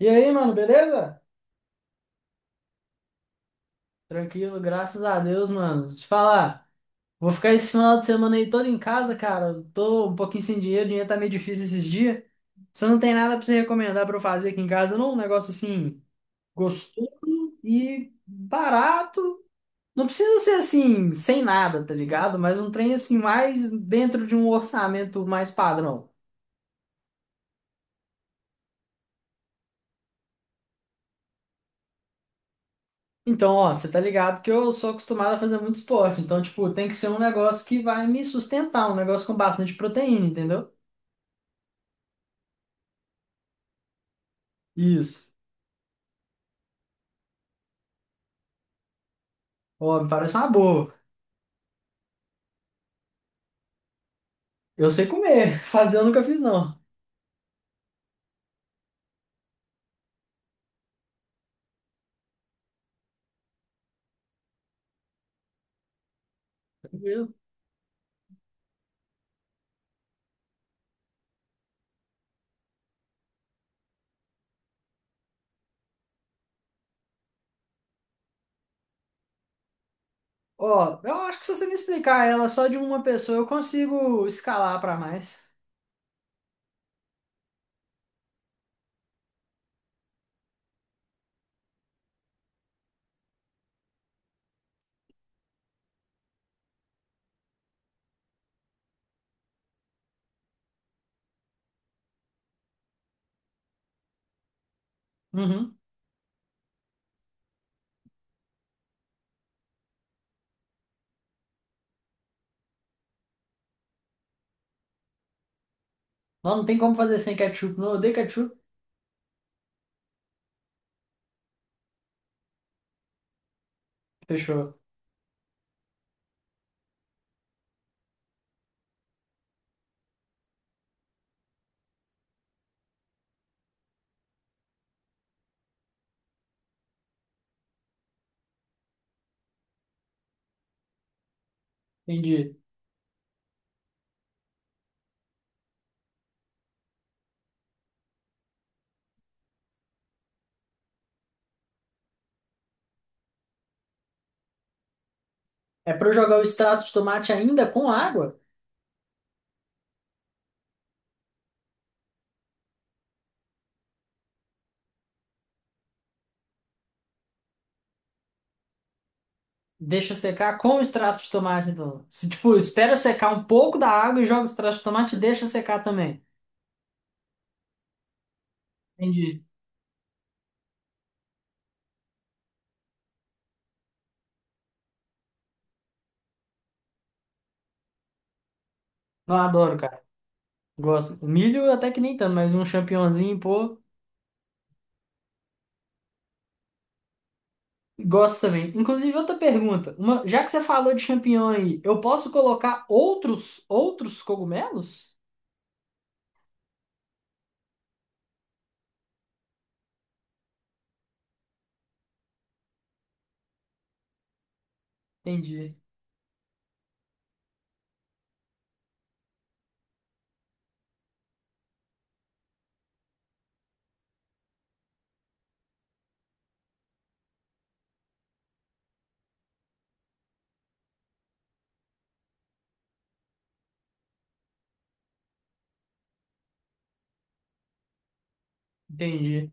E aí, mano, beleza? Tranquilo, graças a Deus, mano. Deixa eu te falar, vou ficar esse final de semana aí todo em casa, cara. Eu tô um pouquinho sem dinheiro, o dinheiro tá meio difícil esses dias. Você não tem nada pra você recomendar pra eu fazer aqui em casa, não? Um negócio assim, gostoso e barato. Não precisa ser assim, sem nada, tá ligado? Mas um trem assim, mais dentro de um orçamento mais padrão. Então, ó, você tá ligado que eu sou acostumado a fazer muito esporte. Então, tipo, tem que ser um negócio que vai me sustentar, um negócio com bastante proteína, entendeu? Isso. Ó, me parece uma boa. Eu sei comer. Fazer eu nunca fiz, não. Tranquilo. Ó, eu acho que se você me explicar ela só de uma pessoa, eu consigo escalar pra mais. Uhum. Não, não tem como fazer sem ketchup. Não, eu odeio ketchup. Fechou. Entendi. É pra eu jogar o extrato de tomate ainda com água? Deixa secar com o extrato de tomate, então. Se, tipo, espera secar um pouco da água e joga o extrato de tomate e deixa secar também. Entendi. Não, adoro, cara. Gosto. Milho até que nem tanto, mas um champignonzinho, pô. Gosto também. Inclusive, outra pergunta. Uma, já que você falou de champignon aí, eu posso colocar outros cogumelos? Entendi, entendi,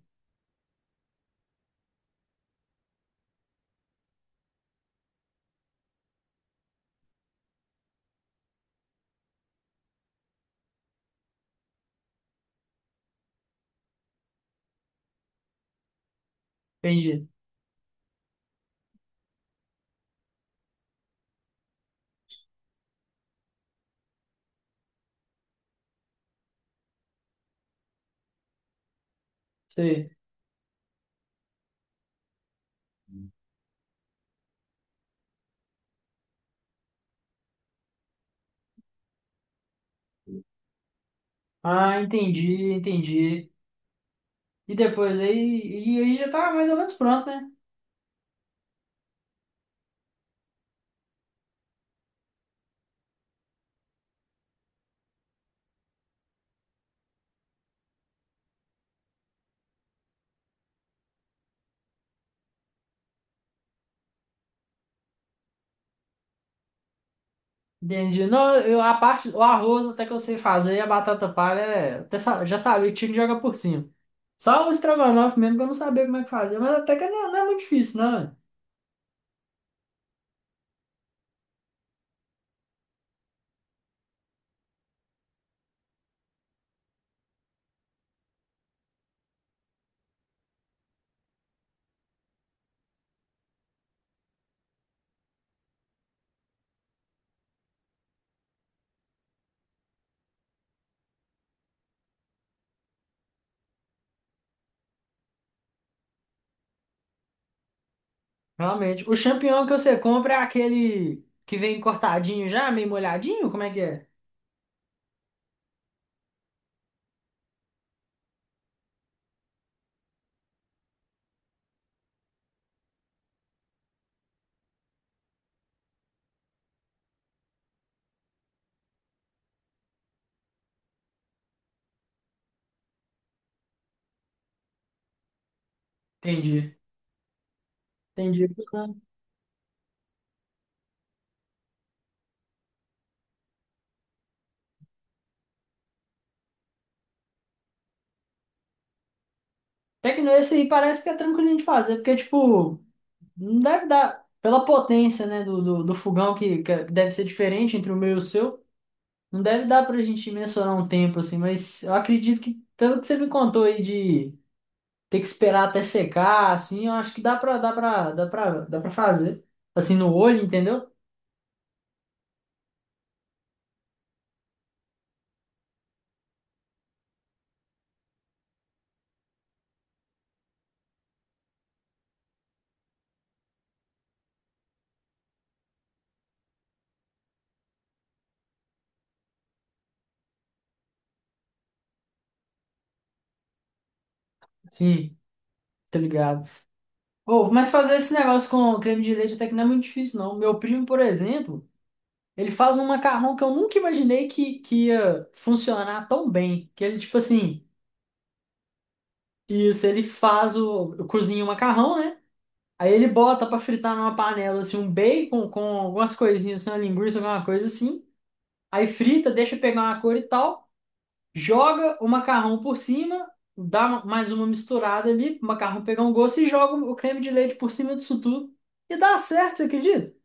entendi. Sei. Ah, entendi, entendi. E depois aí, e aí já tá mais ou menos pronto, né? Entendi. Não, eu, a parte, o arroz até que eu sei fazer, e a batata palha, é, já sabia que tinha que jogar por cima. Só o estrogonofe mesmo que eu não sabia como é que fazia, mas até que não, não é muito difícil, não, né? Realmente. O champignon que você compra é aquele que vem cortadinho já, meio molhadinho? Como é que é? Entendi. Entendi. Até que não, esse aí parece que é tranquilinho de fazer, porque, tipo, não deve dar. Pela potência, né, do fogão, que é, deve ser diferente entre o meu e o seu, não deve dar pra gente mensurar um tempo, assim, mas eu acredito que, pelo que você me contou aí de ter que esperar até secar, assim, eu acho que dá pra fazer. Assim, no olho, entendeu? Sim, tá ligado. Pô, mas fazer esse negócio com creme de leite até que não é muito difícil, não. Meu primo, por exemplo, ele faz um macarrão que eu nunca imaginei que ia funcionar tão bem. Que ele, tipo assim, isso, ele faz o, cozinha o macarrão, né? Aí ele bota pra fritar numa panela, assim, um bacon com algumas coisinhas, assim, uma linguiça, alguma coisa assim. Aí frita, deixa pegar uma cor e tal, joga o macarrão por cima, dá mais uma misturada ali, o macarrão pegar um gosto e joga o creme de leite por cima disso tudo. E dá certo, você acredita?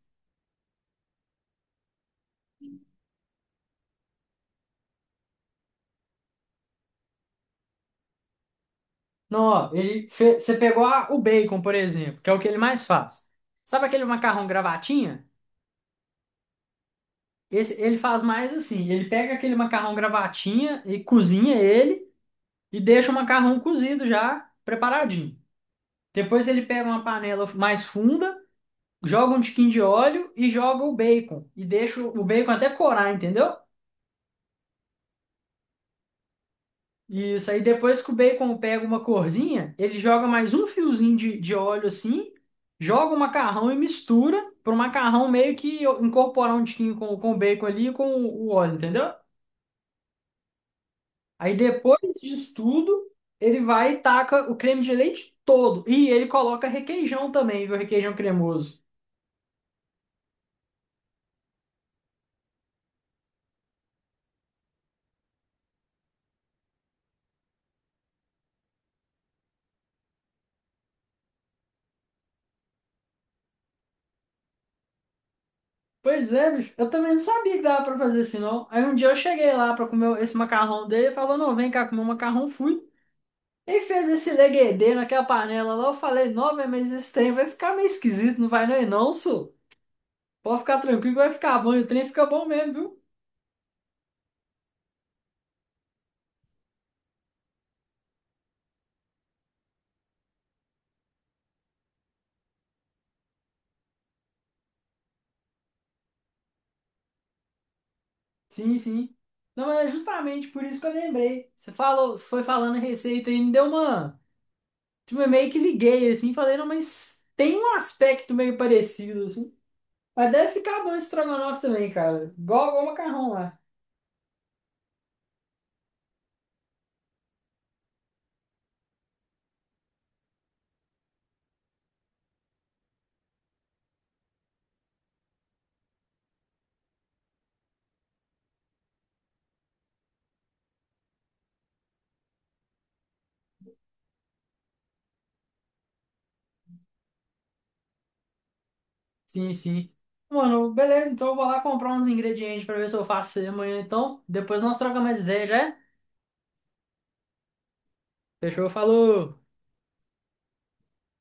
Não, ó, você pegou o bacon, por exemplo, que é o que ele mais faz. Sabe aquele macarrão gravatinha? Esse, ele faz mais assim, ele pega aquele macarrão gravatinha e cozinha ele e deixa o macarrão cozido já preparadinho. Depois ele pega uma panela mais funda, joga um tiquinho de óleo e joga o bacon e deixa o bacon até corar, entendeu? Isso, aí depois que o bacon pega uma corzinha, ele joga mais um fiozinho de óleo assim, joga o macarrão e mistura para o macarrão meio que incorporar um tiquinho com o bacon ali e com o óleo, entendeu? Aí depois disso tudo, ele vai e taca o creme de leite todo. E ele coloca requeijão também, viu? Requeijão cremoso. Pois é, bicho, eu também não sabia que dava para fazer assim, não. Aí um dia eu cheguei lá para comer esse macarrão dele e falou: não, vem cá comer o macarrão, fui. Quem fez esse leguedê naquela panela lá? Eu falei, não, meu, mas esse trem vai ficar meio esquisito, não vai não, e não, senhor. Pode ficar tranquilo que vai ficar bom, e o trem fica bom mesmo, viu? Sim, sim. Não, é justamente por isso que eu lembrei. Você falou, foi falando a receita e me deu uma. Tipo, eu meio que liguei assim, falei, não, mas tem um aspecto meio parecido, assim. Mas deve ficar bom esse estrogonofe também, cara. Igual, igual o macarrão lá. Sim, sim. Mano, beleza, então eu vou lá comprar uns ingredientes pra ver se eu faço isso aí amanhã, então. Depois nós trocamos mais ideia, já é? Fechou, falou!